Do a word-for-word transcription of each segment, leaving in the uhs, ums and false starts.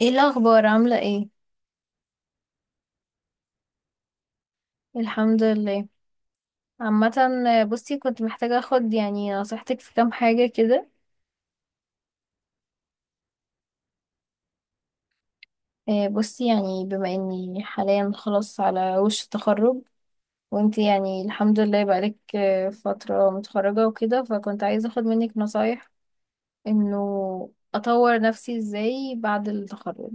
ايه الاخبار؟ عامله ايه؟ الحمد لله. عامه. بصي، كنت محتاجه اخد يعني نصيحتك في كام حاجه كده. آه، بصي، يعني بما اني حاليا خلاص على وش التخرج، وانتي يعني الحمد لله بقالك آه، فتره متخرجه وكده، فكنت عايزه اخد منك نصايح انه اطور نفسي ازاي بعد التخرج.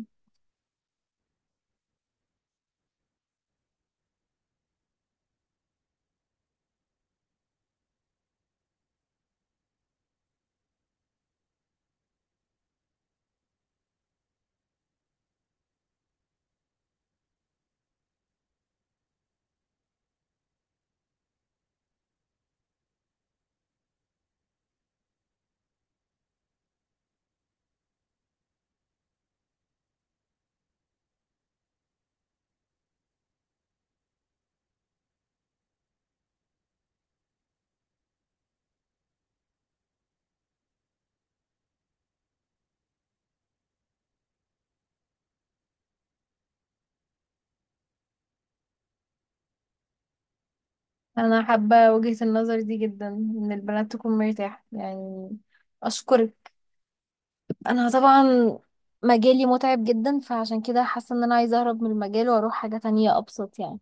انا حابه وجهه النظر دي جدا، ان البنات تكون مرتاحه يعني. اشكرك. انا طبعا مجالي متعب جدا، فعشان كده حاسه ان انا عايزه اهرب من المجال واروح حاجه تانية ابسط يعني.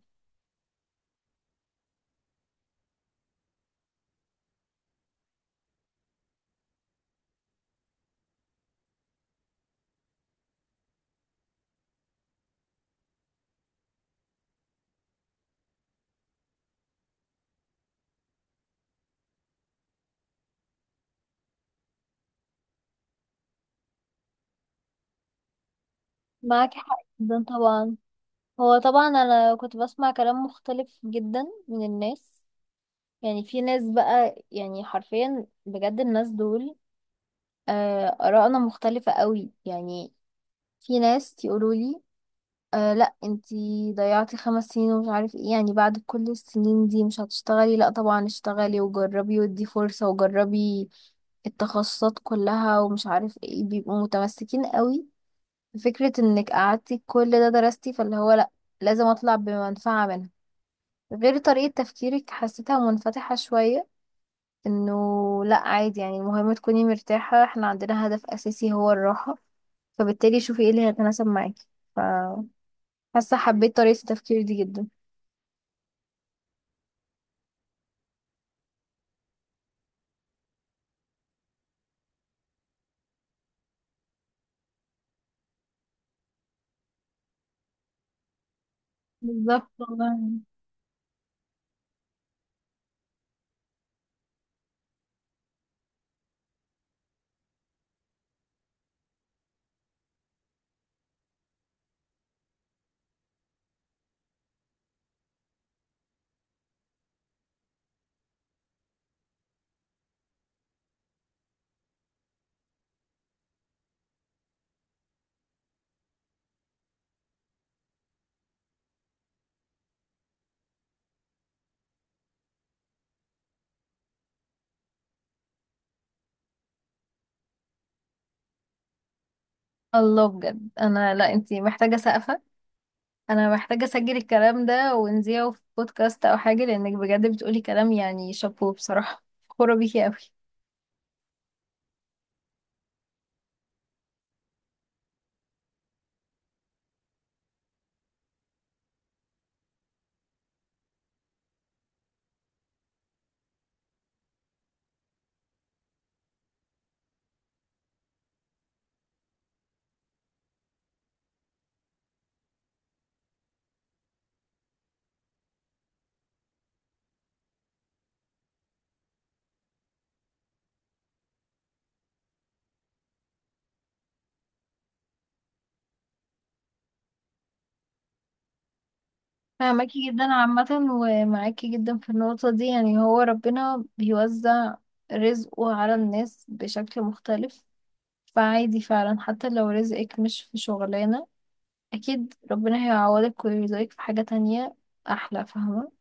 معاكي حق جدا طبعا. هو طبعا انا كنت بسمع كلام مختلف جدا من الناس، يعني في ناس بقى يعني حرفيا بجد الناس دول آه، آرائنا مختلفة قوي يعني. في ناس يقولوا لي آه لا انتي ضيعتي خمس سنين ومش عارف ايه، يعني بعد كل السنين دي مش هتشتغلي؟ لا طبعا اشتغلي وجربي، ودي فرصة وجربي التخصصات كلها ومش عارف ايه، بيبقوا متمسكين قوي فكرة انك قعدتي كل ده درستي، فاللي هو لا لازم اطلع بمنفعة منها. غير طريقة تفكيرك حسيتها منفتحة شوية، انه لا عادي يعني المهم تكوني مرتاحة، احنا عندنا هدف اساسي هو الراحة، فبالتالي شوفي ايه اللي هيتناسب معاكي. ف- حاسة حبيت طريقة التفكير دي جدا. بالظبط والله. الله، بجد انا لا، انتي محتاجه سقفه. انا محتاجه اسجل الكلام ده ونذيعه في بودكاست او حاجه، لانك بجد بتقولي كلام يعني شابو بصراحه. فخوره بيكي قوي. فاهماكي جدا عامه، ومعاكي جدا في النقطه دي. يعني هو ربنا بيوزع رزقه على الناس بشكل مختلف، فعادي فعلا حتى لو رزقك مش في شغلانه اكيد ربنا هيعوضك ويرزقك في حاجه تانية احلى، فاهمه.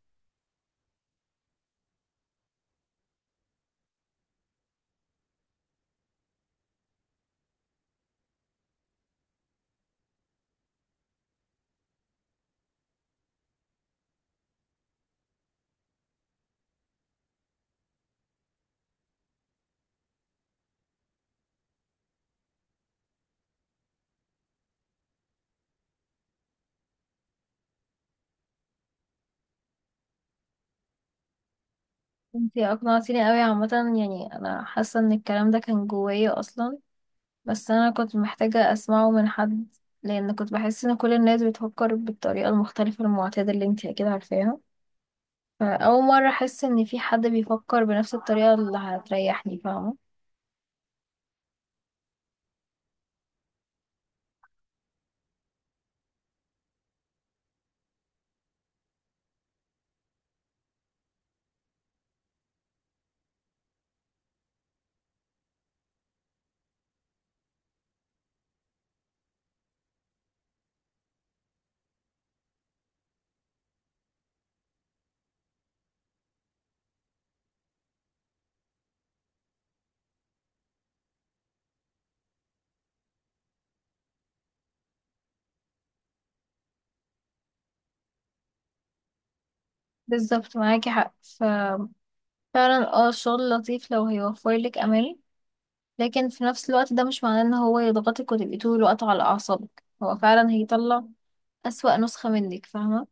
انتي اقنعتيني قوي عامة، يعني انا حاسة ان الكلام ده كان جوايا اصلا، بس انا كنت محتاجة اسمعه من حد، لان كنت بحس ان كل الناس بتفكر بالطريقة المختلفة المعتادة اللي انتي اكيد عارفاها. فاول مرة احس ان في حد بيفكر بنفس الطريقة اللي هتريحني، فاهمة. بالظبط معاكي حق، ففعلا اه الشغل لطيف لو هيوفر لك امان، لكن في نفس الوقت ده مش معناه ان هو يضغطك وتبقي طول الوقت على اعصابك، هو فعلا هيطلع اسوأ نسخة منك، فاهمة.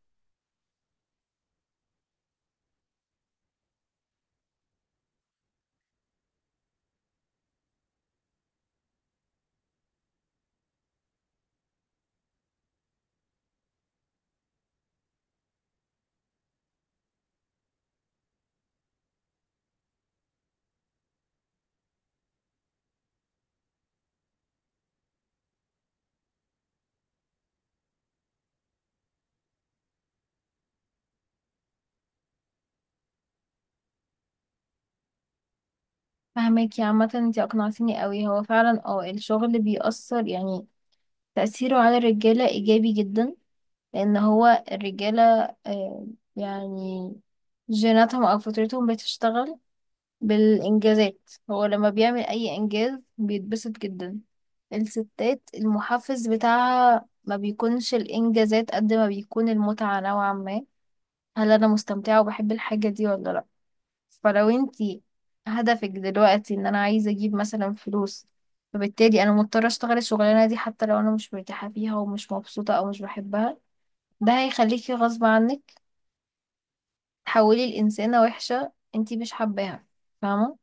فهماكي عامة، انتي اقنعتيني قوي. هو فعلا اه الشغل بيأثر، يعني تأثيره على الرجالة ايجابي جدا، لان هو الرجالة آه، يعني جيناتهم او فطرتهم بتشتغل بالانجازات، هو لما بيعمل اي انجاز بيتبسط جدا. الستات المحفز بتاعها ما بيكونش الانجازات قد ما بيكون المتعة نوعا ما، هل انا مستمتعة وبحب الحاجة دي ولا لا؟ فلو انتي هدفك دلوقتي ان انا عايزة اجيب مثلا فلوس، فبالتالي انا مضطرة اشتغل الشغلانة دي حتى لو انا مش مرتاحة فيها ومش مبسوطة او مش بحبها، ده هيخليكي غصب عنك تحولي لإنسانة وحشة انتي مش حباها، فاهمة.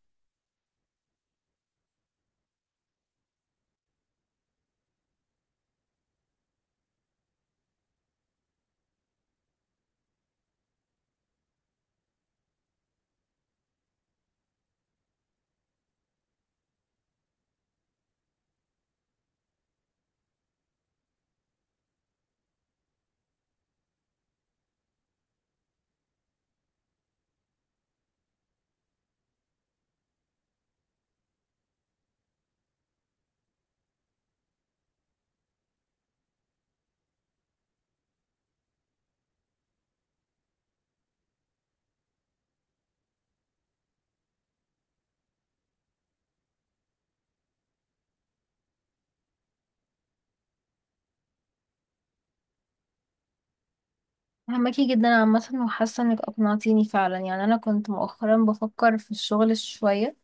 فهماكي جدا عامة، وحاسة انك اقنعتيني فعلا. يعني انا كنت مؤخرا بفكر في الشغل شوية،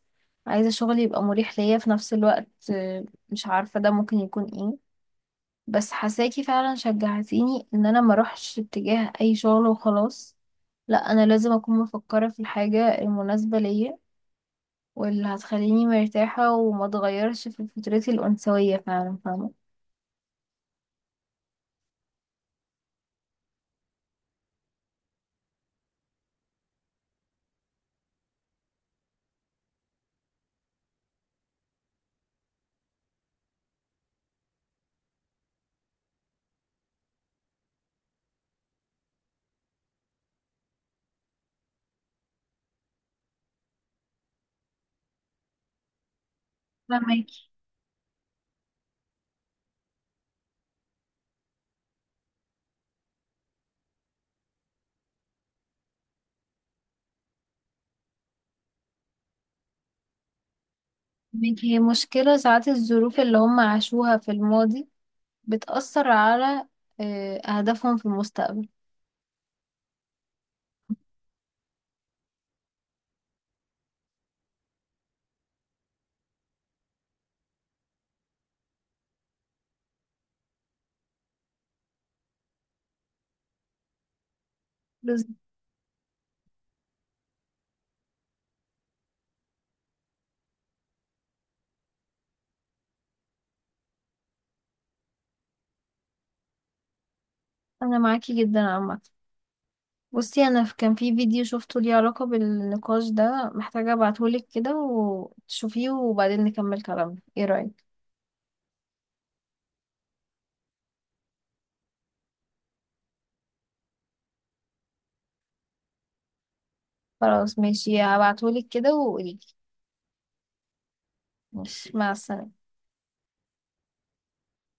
عايزة شغل يبقى مريح ليا في نفس الوقت. آه، مش عارفة ده ممكن يكون ايه، بس حساكي فعلا شجعتيني ان انا ما اروحش اتجاه اي شغل وخلاص، لا انا لازم اكون مفكره في الحاجه المناسبه ليا، واللي هتخليني مرتاحه وما اتغيرش في فطرتي الانثويه فعلا، فاهمه. فاهماكي فاهماكي. هي مشكله ساعات الظروف اللي هم عاشوها في الماضي بتاثر على آه، اهدافهم في المستقبل. بس انا معاكي جدا عامه. بصي انا في- كان في فيديو شفته ليه علاقة بالنقاش ده، محتاجة ابعتهولك كده وتشوفيه وبعدين نكمل كلامنا، ايه رأيك؟ خلاص ماشي، هبعتهولك كده وقوليلي. ماشي، مع السلامة.